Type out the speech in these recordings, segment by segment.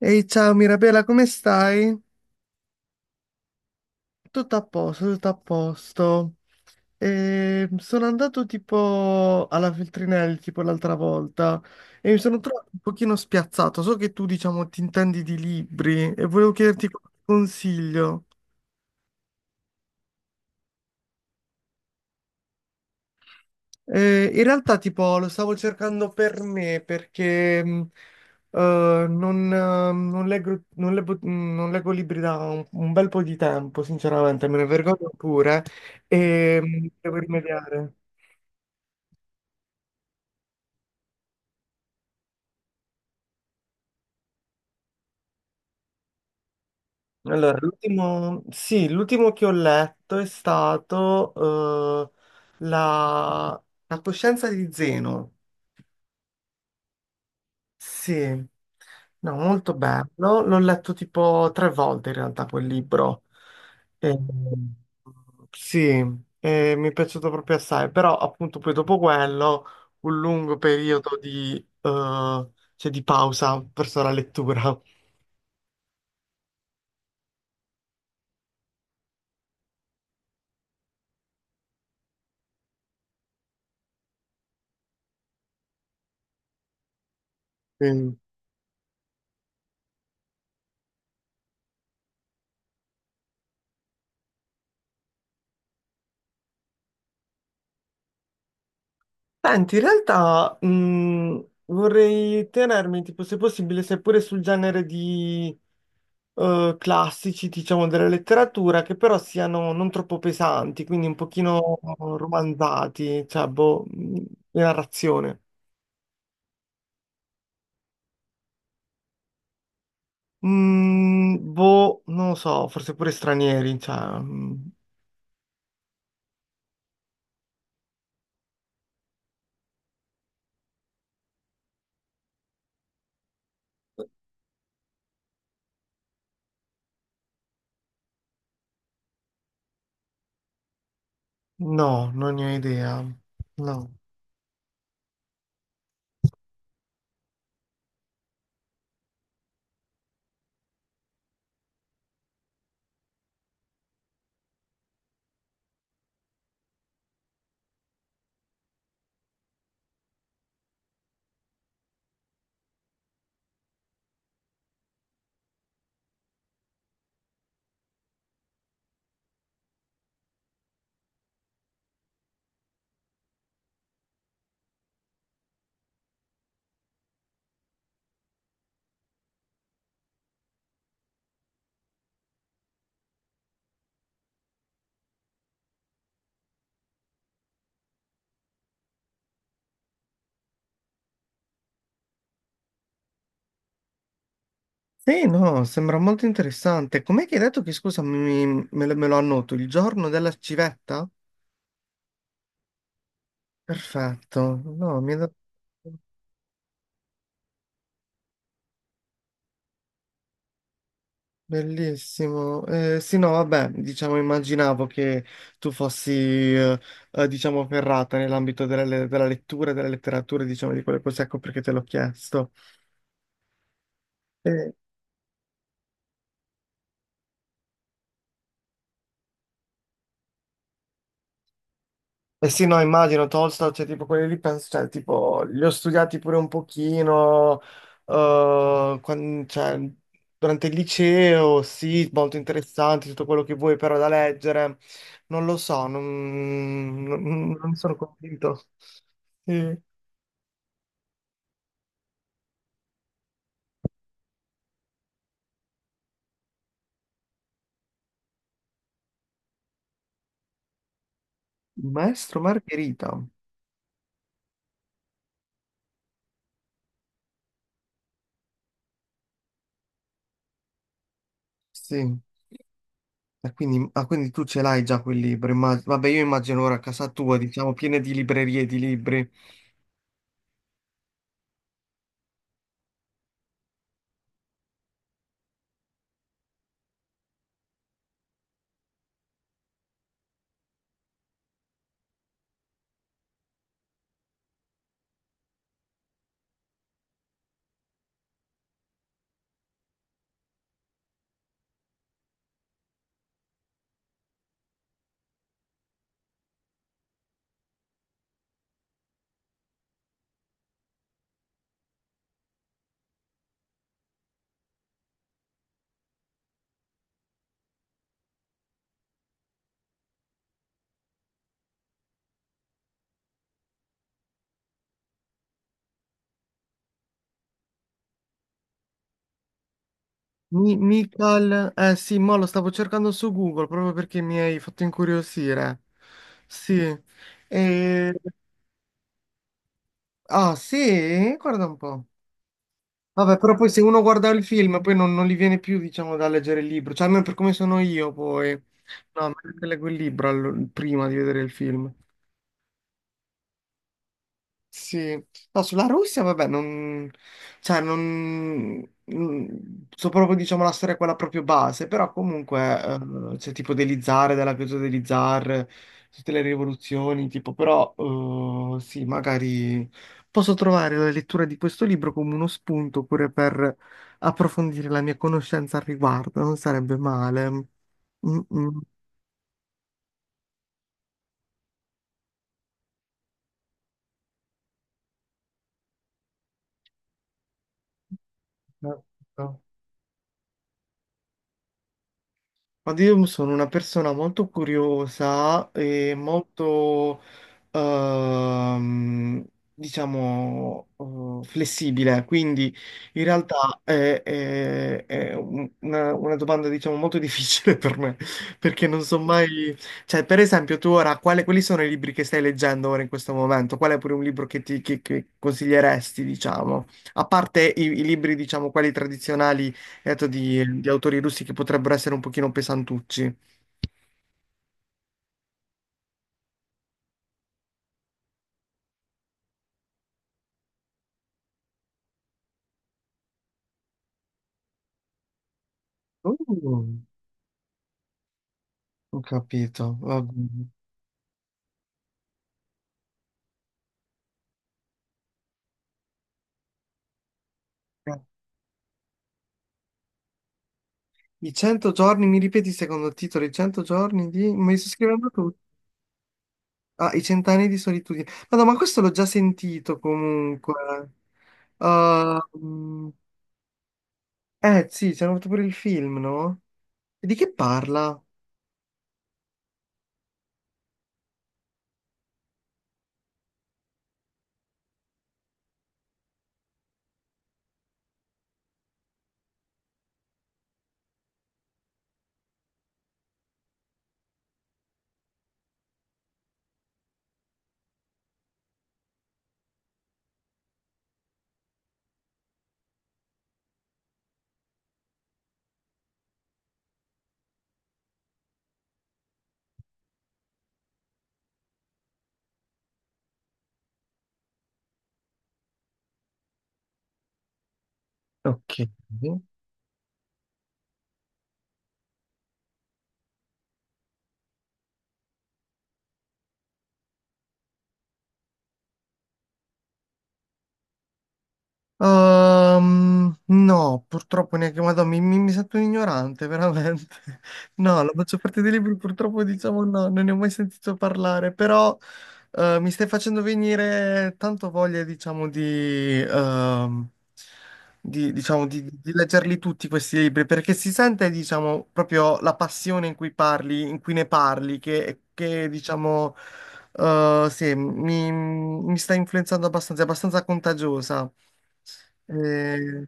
Ehi, ciao Mirabella, come stai? Tutto a posto, tutto a posto. E sono andato tipo alla Feltrinelli tipo l'altra volta e mi sono trovato un pochino spiazzato. So che tu, diciamo, ti intendi di libri e volevo chiederti qualche consiglio. In realtà, tipo, lo stavo cercando per me perché non, non leggo, non leggo- non leggo libri da un bel po' di tempo, sinceramente, me ne vergogno pure e devo rimediare. Allora, l'ultimo, sì, l'ultimo che ho letto è stato la coscienza di Zeno. Sì, no, molto bello. L'ho letto tipo tre volte in realtà quel libro. Eh, sì, mi è piaciuto proprio assai, però appunto poi dopo quello un lungo periodo di, cioè, di pausa verso la lettura. Sì. Senti, in realtà vorrei tenermi, tipo, se possibile, seppure sul genere di classici, diciamo, della letteratura, che però siano non troppo pesanti, quindi un pochino romanzati, cioè, boh, di narrazione. Boh, non lo so, forse pure stranieri, cioè, no, non ne ho idea. No. Sì, no, sembra molto interessante. Com'è che hai detto che, scusa, me lo annoto, il giorno della civetta? Perfetto, no, mi ha dato. Bellissimo. Sì, no, vabbè, diciamo, immaginavo che tu fossi, diciamo, ferrata nell'ambito della lettura, della letteratura, diciamo, di quello così, ecco perché te l'ho chiesto. Eh, eh sì, no, immagino, Tolstoj, cioè, tipo, quelli lì, penso, cioè, tipo, li ho studiati pure un pochino, cioè, durante il liceo, sì, molto interessanti, tutto quello che vuoi, però da leggere, non lo so, non sono convinto. Sì. Maestro Margherita, sì. E quindi tu ce l'hai già quel libro, vabbè io immagino ora a casa tua, diciamo, piena di librerie di libri. Michael, eh sì, mo lo stavo cercando su Google proprio perché mi hai fatto incuriosire. Sì. E- Ah sì? Guarda un po'. Vabbè, però poi se uno guarda il film poi non gli viene più, diciamo, da leggere il libro, cioè almeno per come sono io poi. No, a me che leggo il libro prima di vedere il film. Sì, no, sulla Russia, vabbè, non, cioè, non, non- so proprio, diciamo, la storia quella proprio base, però comunque, c'è tipo degli zar, della caduta degli zar, tutte le rivoluzioni, tipo, però, sì, magari posso trovare la lettura di questo libro come uno spunto pure per approfondire la mia conoscenza al riguardo, non sarebbe male. Mm, mm. Ma io sono una persona molto curiosa e molto, ehm, diciamo, flessibile, quindi in realtà è una domanda, diciamo, molto difficile per me, perché non so mai. Cioè, per esempio, tu ora, quali sono i libri che stai leggendo ora in questo momento? Qual è pure un libro che che consiglieresti, diciamo? A parte i libri, diciamo, quelli tradizionali detto di autori russi che potrebbero essere un pochino pesantucci. Uh, Ho capito, va bene. Eh, I 100 giorni, mi ripeti il secondo titolo, i 100 giorni di. Mi sto scrivendo tutto. Ah, i cent'anni di solitudine. Ma no, ma questo l'ho già sentito comunque. Ah, eh sì, ci hanno fatto pure il film, no? E di che parla? Ok. No, purtroppo neanche Madonna, mi sento un ignorante, veramente. No, la maggior parte dei libri purtroppo diciamo no, non ne ho mai sentito parlare, però mi stai facendo venire tanto voglia, diciamo, di, diciamo, di leggerli tutti questi libri, perché si sente, diciamo, proprio la passione in cui parli, in cui ne parli, che diciamo, sì, mi sta influenzando abbastanza, è abbastanza contagiosa. Eh,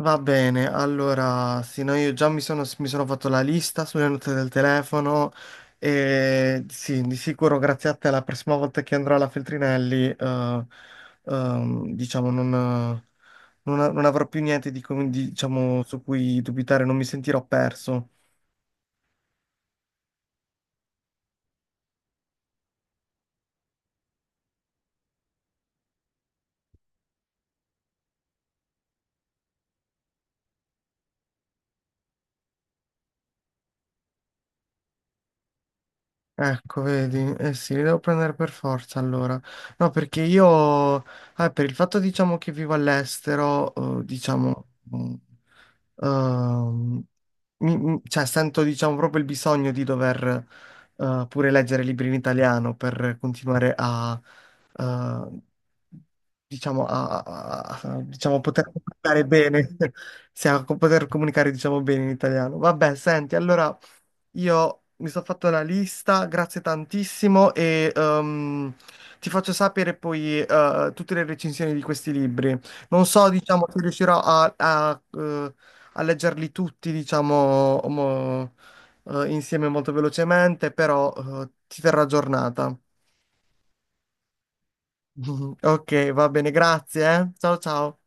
Va bene, allora, sì, no, io già mi sono fatto la lista sulle note del telefono e sì, di sicuro grazie a te la prossima volta che andrò alla Feltrinelli, diciamo, non avrò più niente diciamo, su cui dubitare, non mi sentirò perso. Ecco, vedi, eh sì, li devo prendere per forza allora. No, perché io, per il fatto diciamo che vivo all'estero, diciamo, mm, ehm, cioè sento diciamo proprio il bisogno di dover pure leggere libri in italiano per continuare a, eh, diciamo, diciamo, poter comunicare bene, sì, poter comunicare diciamo bene in italiano. Vabbè, senti, allora. Io mi sono fatto una lista, grazie tantissimo e ti faccio sapere poi tutte le recensioni di questi libri. Non so, diciamo, se riuscirò a, a leggerli tutti, diciamo, insieme molto velocemente, però ti terrò aggiornata. Ok, va bene, grazie, eh. Ciao ciao.